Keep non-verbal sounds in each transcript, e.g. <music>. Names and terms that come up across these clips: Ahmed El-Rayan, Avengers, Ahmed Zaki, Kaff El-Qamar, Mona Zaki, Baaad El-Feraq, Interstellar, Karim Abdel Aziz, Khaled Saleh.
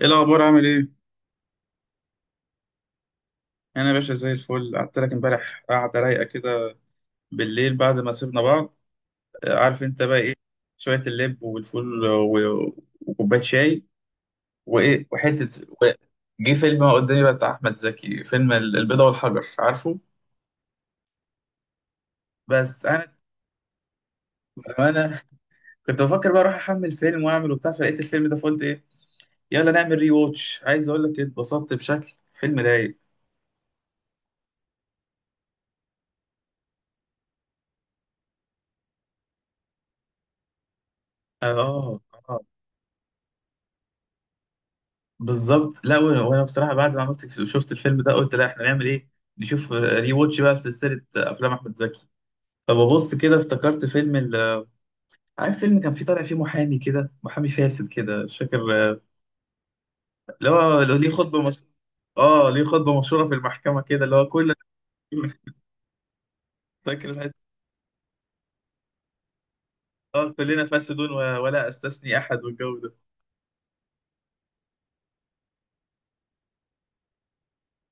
ايه الاخبار؟ عامل ايه؟ انا يا باشا زي الفل، قعدت لك امبارح قعده رايقه كده بالليل بعد ما سيبنا بعض. عارف انت بقى ايه؟ شويه اللب والفول وكوبايه شاي وايه وحته و- جه فيلم قدامي بقى بتاع احمد زكي، فيلم البيضه والحجر، عارفه؟ بس انا كنت بفكر بقى اروح احمل فيلم واعمل وبتاع، فلقيت الفيلم ده فقلت ايه، يلا نعمل ري ووتش. عايز اقول لك اتبسطت بشكل، فيلم رايق. اه، اه، آه. بالظبط. لا، وأنا بصراحه بعد ما عملت شفت الفيلم ده قلت، لا احنا نعمل ايه، نشوف ري واتش بقى في سلسله افلام احمد زكي. فببص كده افتكرت فيلم عارف فيلم كان فيه، طالع فيه محامي كده، محامي فاسد كده، مش فاكر. آه، اللي هو ليه خطبه مش... اه ليه خطبه مشهوره في المحكمه، كده اللي هو كلنا <laughs> فاكر الحته؟ اه، كلنا فاسدون ولا استثني احد، والجو ده.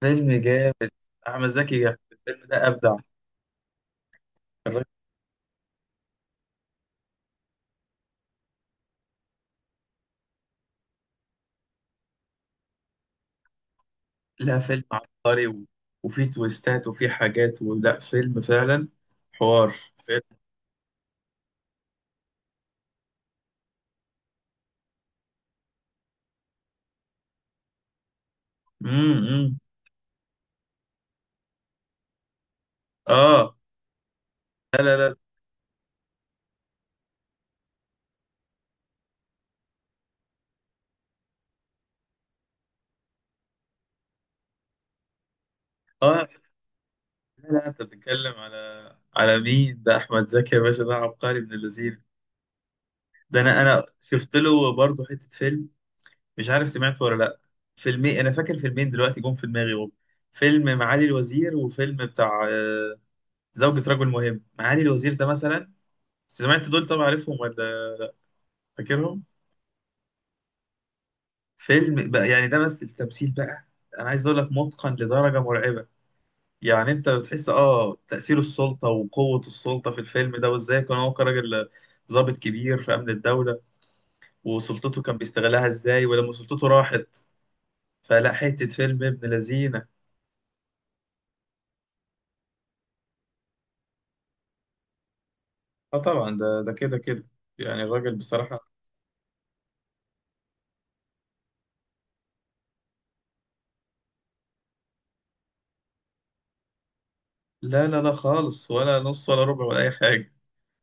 فيلم جامد. احمد زكي جامد، الفيلم ده ابدع. لا، فيلم عبقري وفي تويستات وفي حاجات، ولا فيلم فعلا. حوار. فيلم. امم. اه. لا، لا، لا. اه. لا لا، انت بتتكلم على، على مين؟ ده احمد زكي يا باشا، ده عبقري ابن اللذين. ده انا شفت له برضه حته فيلم، مش عارف سمعته ولا لا. فيلمين انا فاكر، فيلمين دلوقتي جم في دماغي اهو. فيلم معالي الوزير وفيلم بتاع زوجة رجل مهم. معالي الوزير ده مثلا، سمعت دول طبعا، عارفهم ولا فاكرهم؟ فيلم بقى يعني، ده بس التمثيل بقى، انا عايز اقول لك، متقن لدرجه مرعبه. يعني انت بتحس تاثير السلطه وقوه السلطه في الفيلم ده، وازاي كان هو كراجل ضابط كبير في امن الدوله، وسلطته كان بيستغلها ازاي، ولما سلطته راحت. فلا حته فيلم ابن لذينه. اه طبعا، ده كده كده يعني الراجل بصراحه. لا لا لا، خالص، ولا نص ولا ربع ولا اي حاجه،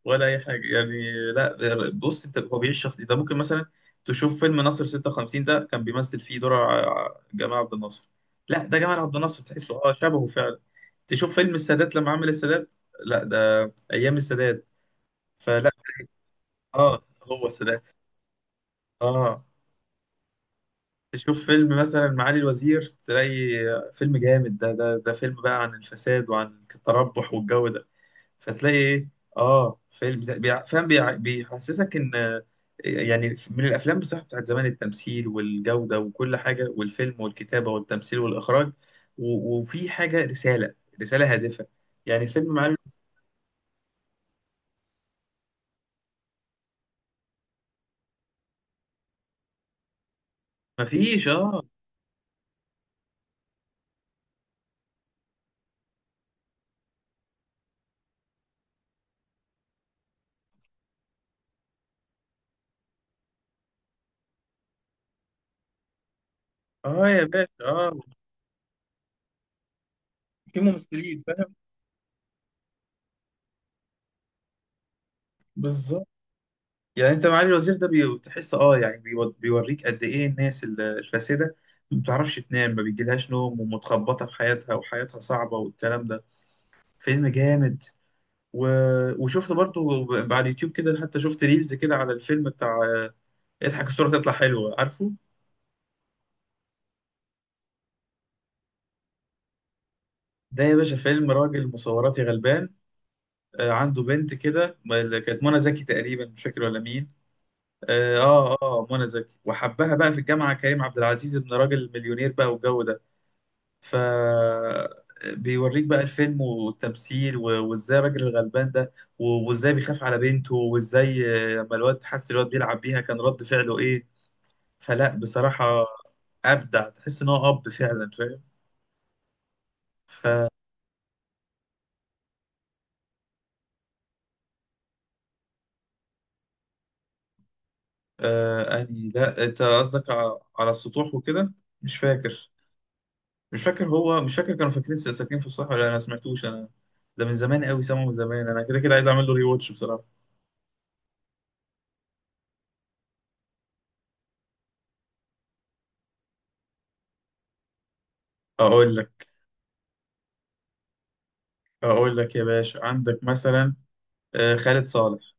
ولا اي حاجه يعني. لا بص، انت هو بيعيش شخص ده، ممكن مثلا تشوف فيلم ناصر 56، ده كان بيمثل فيه دور جمال عبد الناصر، لا ده جمال عبد الناصر، تحسه شبهه فعلا. تشوف فيلم السادات لما عمل السادات، لا ده ايام السادات. فلا، اه هو السادات، اه. تشوف فيلم مثلا معالي الوزير، تلاقي فيلم جامد، ده فيلم بقى عن الفساد وعن التربح والجو ده. فتلاقي ايه؟ اه، فيلم فاهم، بيحسسك ان يعني من الافلام بصراحه بتاعت زمان، التمثيل والجوده وكل حاجه، والفيلم والكتابه والتمثيل والاخراج وفي حاجه رساله، رساله هادفه يعني، الفيلم معاه. مفيش. اه، اه يا باشا، اه، في ممثلين فاهم. بالظبط، يعني انت معالي الوزير ده بتحس يعني بيوريك قد ايه الناس الفاسده، ما بتعرفش تنام، ما بيجيلهاش نوم، ومتخبطه في حياتها، وحياتها صعبه، والكلام ده. فيلم جامد. و... وشفت برضو على اليوتيوب كده، حتى شفت ريلز كده على الفيلم بتاع اضحك الصورة تطلع حلوة، عارفه؟ ده يا باشا فيلم راجل مصوراتي غلبان، عنده بنت كده اللي كانت منى زكي تقريبا، مش فاكر ولا مين. منى زكي، وحبها بقى في الجامعة كريم عبد العزيز، ابن راجل مليونير بقى والجو ده. ف بيوريك بقى الفيلم والتمثيل وازاي الراجل الغلبان ده، وازاي بيخاف على بنته، وازاي لما الواد حس الواد بيلعب بيها كان رد فعله ايه. فلا بصراحة أبدع، تحس إن هو أب فعلا، فاهم؟ ف أني، لا، أنت قصدك على السطوح وكده، مش فاكر. مش فاكر هو، مش فاكر كانوا فاكرين ساكنين في الصحراء ولا لأ، أنا ما سمعتوش أنا. ده من زمان قوي سامعه، من زمان، أنا كده كده عايز أعمل له ري واتش بصراحة. أقول لك. أقول لك يا باشا، عندك مثلا خالد صالح.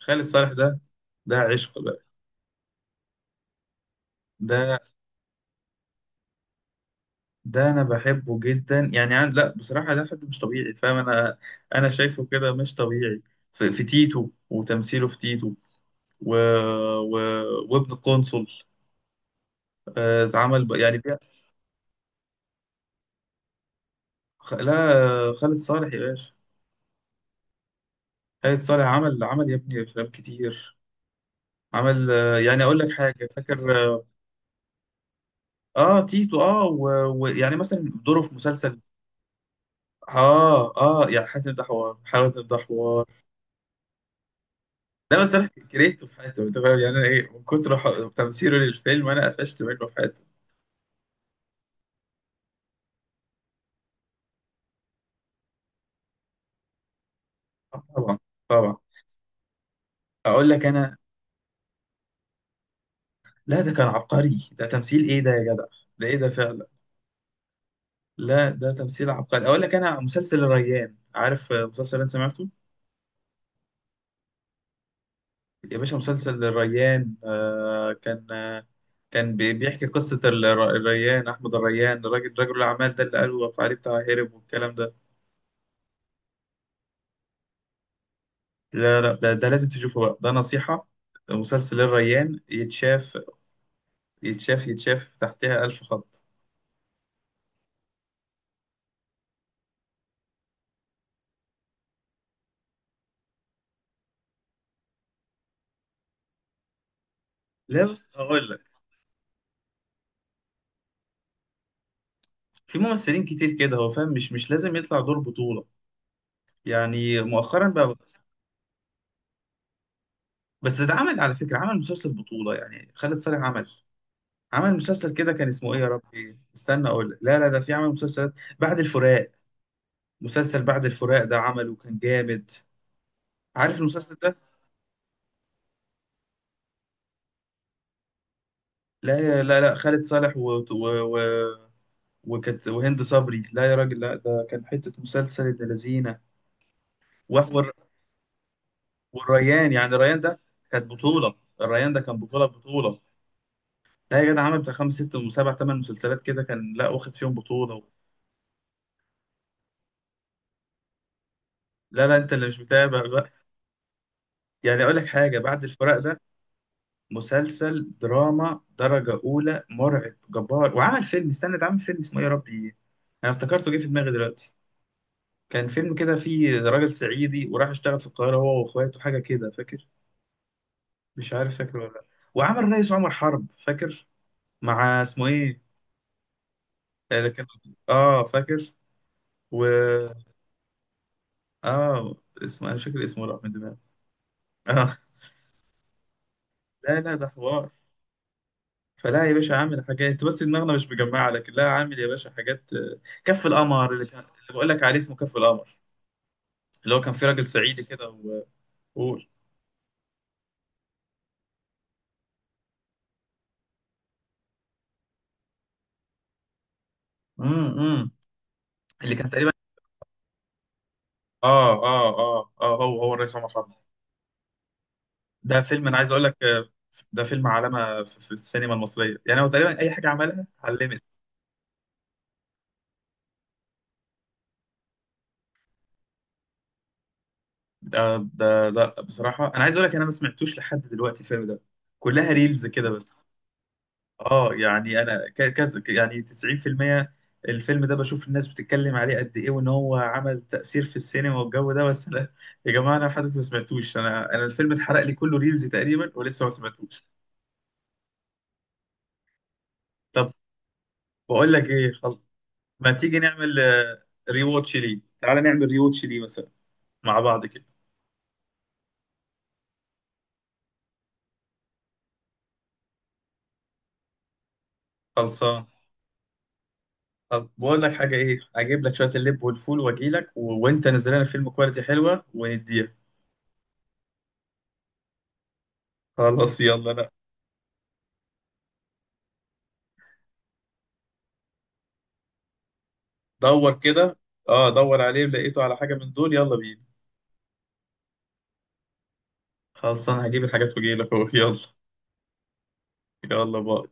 خالد صالح ده، ده عشق بقى. ده. ده انا بحبه جدا يعني لا بصراحه، ده حد مش طبيعي فاهم، انا انا شايفه كده مش طبيعي. في تيتو، وتمثيله في تيتو و... و... وابن القنصل اتعمل يعني لا، خالد صالح يا باشا، خالد صالح عمل يا ابني افلام كتير. عمل يعني اقول لك حاجه، فاكر؟ اه تيتو، اه. ويعني يعني مثلا دوره في مسلسل. اه يعني حاتم، ده حوار، حاتم ده حوار. لا بس انا كرهته في حياته، انت فاهم يعني؟ انا ايه، من كتر تمثيله للفيلم انا قفشت منه في حياته. طبعا، طبعا. اقول لك انا، لا ده كان عبقري، ده تمثيل، ايه ده يا جدع، ده ايه ده فعلا. لا ده تمثيل عبقري. اقول لك انا، مسلسل الريان، عارف مسلسل انت سمعته؟ يا باشا مسلسل الريان، كان، كان بيحكي قصة الريان، أحمد الريان، الراجل رجل الأعمال ده، اللي قالوا عليه بتاع هرب والكلام ده. لا لا، ده لازم تشوفه بقى، ده نصيحة. مسلسل الريان يتشاف، يتشاف يتشاف، تحتها ألف خط. لا بس هقول لك، في ممثلين كتير كده هو فاهم، مش لازم يطلع دور بطولة يعني، مؤخرا بقى. بس ده عمل على فكرة، عمل مسلسل بطولة، يعني خالد صالح عمل، عمل مسلسل كده كان اسمه ايه يا ربي، استنى اقول لك، لا لا، ده في عمل مسلسلات. بعد الفراق. مسلسل بعد الفراق ده عمله كان جامد، عارف المسلسل ده؟ لا لا لا، خالد صالح وكانت، وهند صبري، لا يا راجل، لا ده كان حتة مسلسل ابن لذينة وحوار. والريان، يعني الريان ده كانت بطولة، الريان ده كان بطولة بطولة. لا يا جدع، عامل بتاع خمس ست وسبع تمن مسلسلات كده، كان لا واخد فيهم بطولة. لا لا، انت اللي مش متابع بقى. يعني اقول لك حاجة، بعد الفراق ده مسلسل دراما درجة أولى، مرعب، جبار. وعمل فيلم، استنى ده، عامل فيلم اسمه إيه يا ربي، أنا افتكرته جه في دماغي دلوقتي. كان فيلم كده فيه راجل صعيدي وراح اشتغل في القاهرة هو وأخواته، حاجة كده فاكر، مش عارف فاكر ولا لا. وعمل الرئيس عمر حرب، فاكر، مع اسمه إيه، كان، اه فاكر، و اه اسمه انا مش فاكر، اسمه راح من دماغي. اه. لا لا ده حوار. فلا يا باشا، عامل حاجات. انت بس دماغنا مش مجمعه، لكن لا، عامل يا باشا حاجات كف القمر، اللي بقول لك عليه، اسمه كف القمر، اللي هو كان في راجل صعيدي كده. وقول. امم، أمم. اللي كان تقريبا، اه هو الرئيس عمر حرب. ده فيلم انا عايز اقول لك ده فيلم علامه في السينما المصريه، يعني هو تقريبا اي حاجه عملها علمت. ده ده لا بصراحه انا عايز اقول لك، انا ما سمعتوش لحد دلوقتي الفيلم ده، كلها ريلز كده بس. اه يعني انا كذا يعني 90%، الفيلم ده بشوف الناس بتتكلم عليه قد ايه، وان هو عمل تأثير في السينما والجو ده، بس لا، يا جماعة انا لحد دلوقتي ما سمعتوش، انا الفيلم اتحرق لي كله ريلز تقريبا، ولسه ما سمعتوش. طب بقول لك ايه، خلاص، ما تيجي نعمل ري واتش ليه، تعالى نعمل ري واتش ليه مثلا مع بعض كده. خلصان. طب بقول لك حاجة، ايه اجيب لك شوية اللب والفول، واجي لك وانت نزل لنا فيلم كواليتي حلوة ونديها. خلاص يلا انا. دور كده، اه دور عليه، لقيته على حاجة من دول يلا بينا. خلصان، هجيب الحاجات واجيلك اهو <laughs> يلا. يلا بقى.